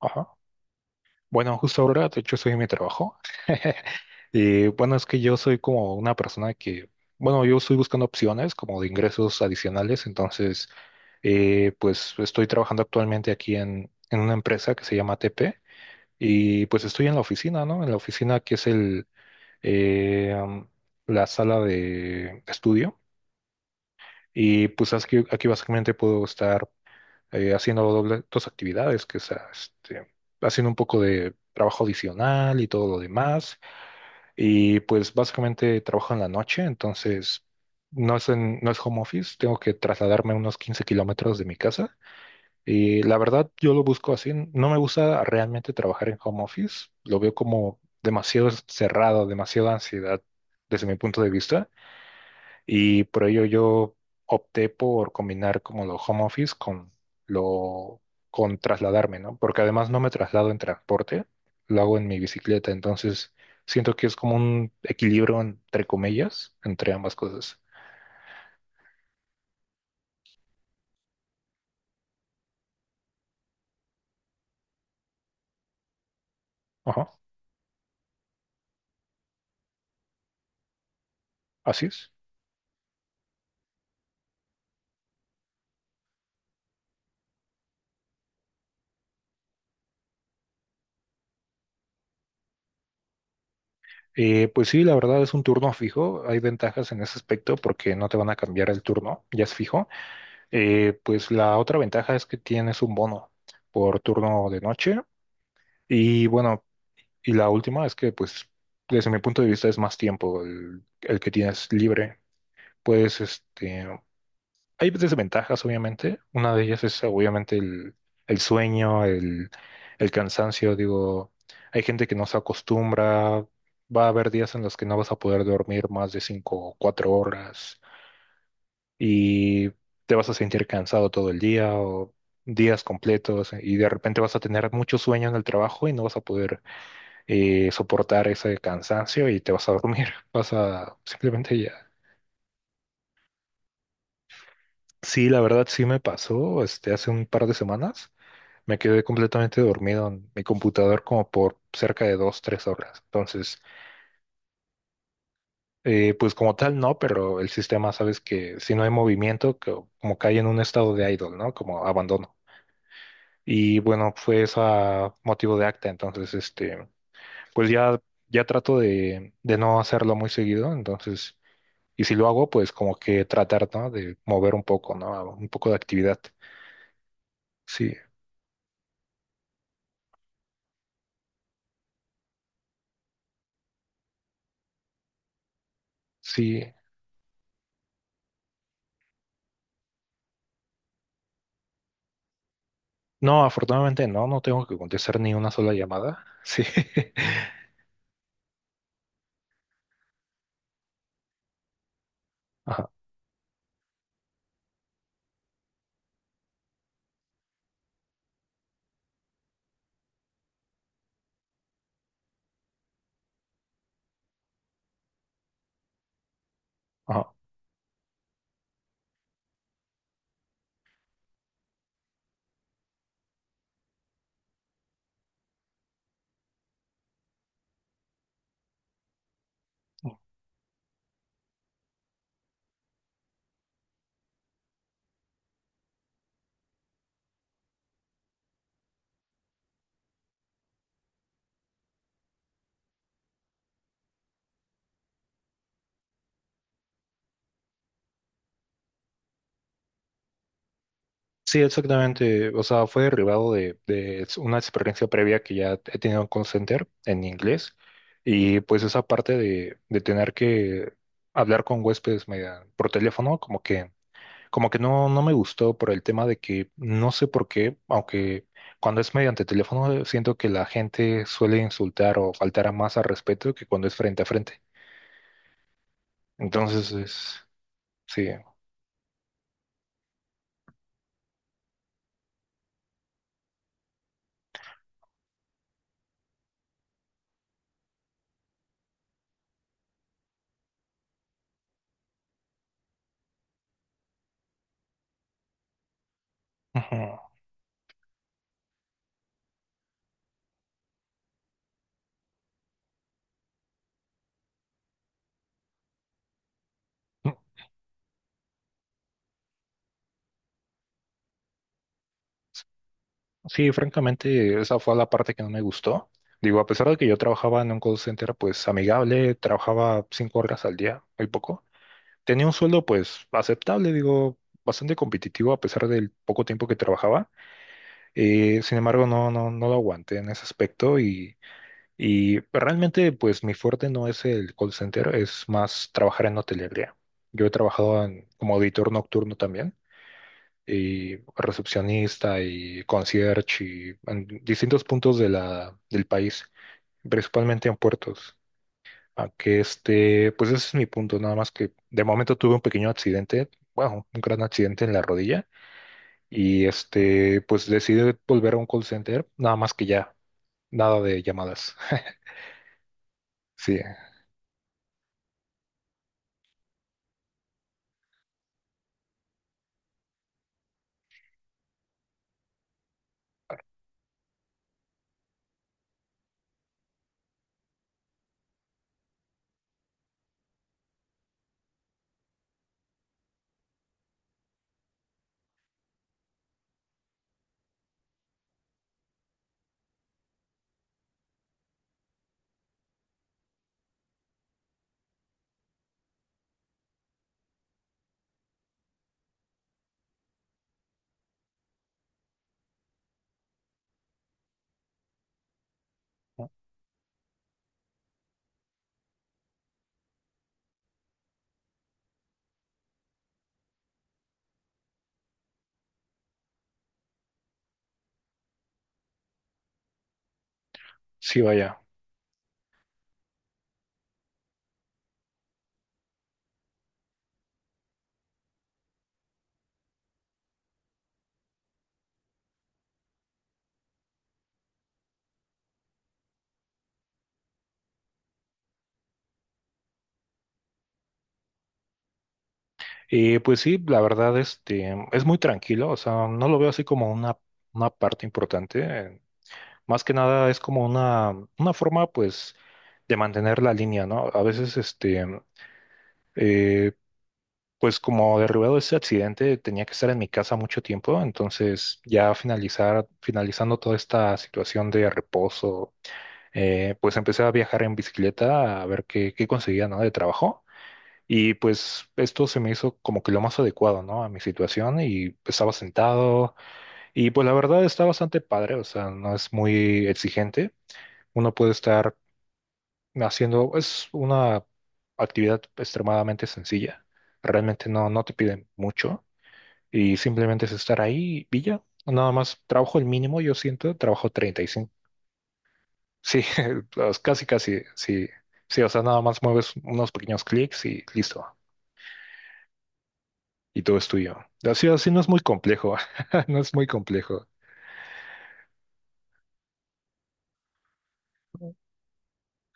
Ajá. Bueno, justo ahora, de hecho, soy en mi trabajo. Y bueno, es que yo soy como una persona que, bueno, yo estoy buscando opciones como de ingresos adicionales, entonces, pues estoy trabajando actualmente aquí en, una empresa que se llama TP y pues estoy en la oficina, ¿no? En la oficina que es el, eh, am, la sala de estudio y pues aquí, básicamente puedo estar haciendo dos actividades, que sea este, haciendo un poco de trabajo adicional y todo lo demás. Y pues básicamente trabajo en la noche, entonces no es, no es home office, tengo que trasladarme unos 15 kilómetros de mi casa. Y la verdad, yo lo busco así. No me gusta realmente trabajar en home office. Lo veo como demasiado cerrado, demasiada ansiedad desde mi punto de vista. Y por ello yo opté por combinar como lo home office con lo con trasladarme, ¿no? Porque además no me traslado en transporte, lo hago en mi bicicleta, entonces siento que es como un equilibrio entre comillas entre ambas cosas. Ajá, así es. Pues sí, la verdad es un turno fijo, hay ventajas en ese aspecto porque no te van a cambiar el turno, ya es fijo. Pues la otra ventaja es que tienes un bono por turno de noche. Y bueno, y la última es que, pues, desde mi punto de vista es más tiempo el que tienes libre. Puedes, este, hay desventajas, obviamente. Una de ellas es, obviamente, el sueño, el cansancio. Digo, hay gente que no se acostumbra. Va a haber días en los que no vas a poder dormir más de 5 o 4 horas y te vas a sentir cansado todo el día o días completos y de repente vas a tener mucho sueño en el trabajo y no vas a poder soportar ese cansancio y te vas a dormir, vas a simplemente ya. Sí, la verdad sí me pasó, este, hace un par de semanas me quedé completamente dormido en mi computador como por cerca de dos, tres horas. Entonces, pues como tal no, pero el sistema, sabes que si no hay movimiento, como cae en un estado de idle, ¿no? Como abandono. Y bueno, fue esa motivo de acta, entonces, este, pues ya, ya trato de no hacerlo muy seguido, entonces... Y si lo hago, pues como que tratar, ¿no? De mover un poco, ¿no? Un poco de actividad. Sí, sí. No, afortunadamente no, no tengo que contestar ni una sola llamada. Sí. Ajá, ajá. Sí, exactamente. O sea, fue derivado de una experiencia previa que ya he tenido en call center en inglés. Y pues esa parte de tener que hablar con huéspedes por teléfono, como que como que no, no me gustó por el tema de que no sé por qué, aunque cuando es mediante teléfono siento que la gente suele insultar o faltar a más al respeto que cuando es frente a frente. Entonces es, sí. Ujú. No, sí, francamente esa fue la parte que no me gustó. Digo, a pesar de que yo trabajaba en un call center pues amigable, trabajaba 5 horas al día, muy poco. Tenía un sueldo pues aceptable, digo, bastante competitivo a pesar del poco tiempo que trabajaba. Sin embargo, no lo aguanté en ese aspecto y realmente pues mi fuerte no es el call center, es más trabajar en hotelería. Yo he trabajado como auditor nocturno también y recepcionista y concierge y en distintos puntos de la, del país, principalmente en puertos. Aunque este, pues ese es mi punto, nada más que de momento tuve un pequeño accidente, bueno, un gran accidente en la rodilla. Y este, pues decidí volver a un call center, nada más que ya nada de llamadas. Sí, sí, vaya. Y pues sí, la verdad, este, es muy tranquilo, o sea, no lo veo así como una parte importante. Más que nada es como una forma, pues, de mantener la línea, ¿no? A veces, este, eh, pues como derribado ese accidente, tenía que estar en mi casa mucho tiempo, entonces ya finalizar, finalizando toda esta situación de reposo, pues empecé a viajar en bicicleta a ver qué, qué conseguía, ¿no? De trabajo. Y pues esto se me hizo como que lo más adecuado, ¿no? A mi situación y estaba sentado y pues la verdad está bastante padre, o sea, no es muy exigente. Uno puede estar haciendo, es una actividad extremadamente sencilla. Realmente no, no te piden mucho y simplemente es estar ahí y ya. Nada más trabajo el mínimo, yo siento, trabajo 35. Sí, pues, casi, casi, sí. Sí, o sea, nada más mueves unos pequeños clics y listo. Y todo es tuyo. Así, así no es muy complejo, no es muy complejo.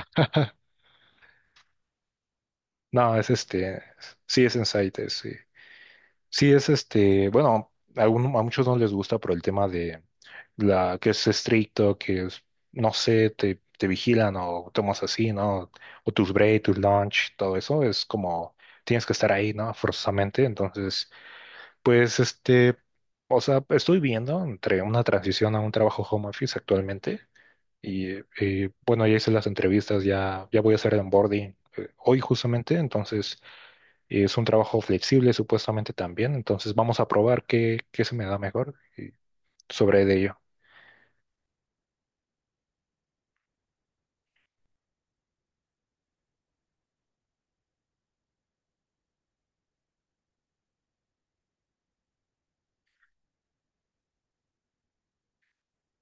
No, es este, sí es Insight, es, sí. Sí es este, bueno, a muchos no les gusta por el tema de la que es estricto, que es, no sé, te vigilan o tomas así, ¿no? O tus break, tus lunch, todo eso es como tienes que estar ahí, ¿no? Forzosamente. Entonces, pues este, o sea, estoy viendo entre una transición a un trabajo home office actualmente y, bueno, ya hice las entrevistas, ya, ya voy a hacer el onboarding hoy justamente, entonces es un trabajo flexible supuestamente también, entonces vamos a probar qué, qué se me da mejor y sobre de ello.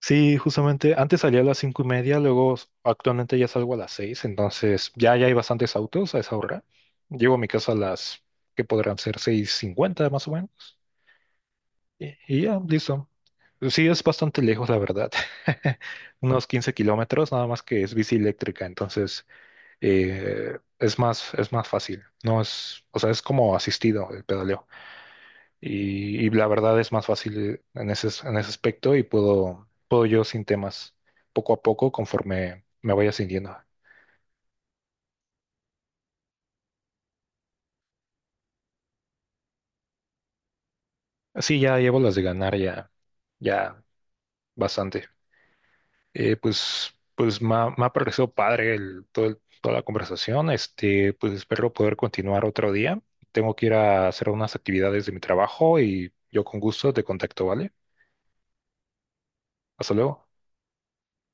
Sí, justamente antes salía a las 5:30, luego actualmente ya salgo a las seis, entonces ya, ya hay bastantes autos a esa hora. Llego a mi casa a las que podrán ser 6:50 más o menos. Y ya, listo. Sí, es bastante lejos, la verdad. Unos 15 kilómetros, nada más que es bici eléctrica, entonces es más fácil. No es, o sea, es como asistido el pedaleo. Y la verdad es más fácil en ese aspecto y puedo, puedo yo sin temas, poco a poco, conforme me vaya sintiendo. Sí, ya llevo las de ganar ya, ya bastante. Pues, pues me ha parecido padre el, todo toda la conversación. Este, pues espero poder continuar otro día. Tengo que ir a hacer unas actividades de mi trabajo y yo con gusto te contacto, ¿vale? Hasta luego.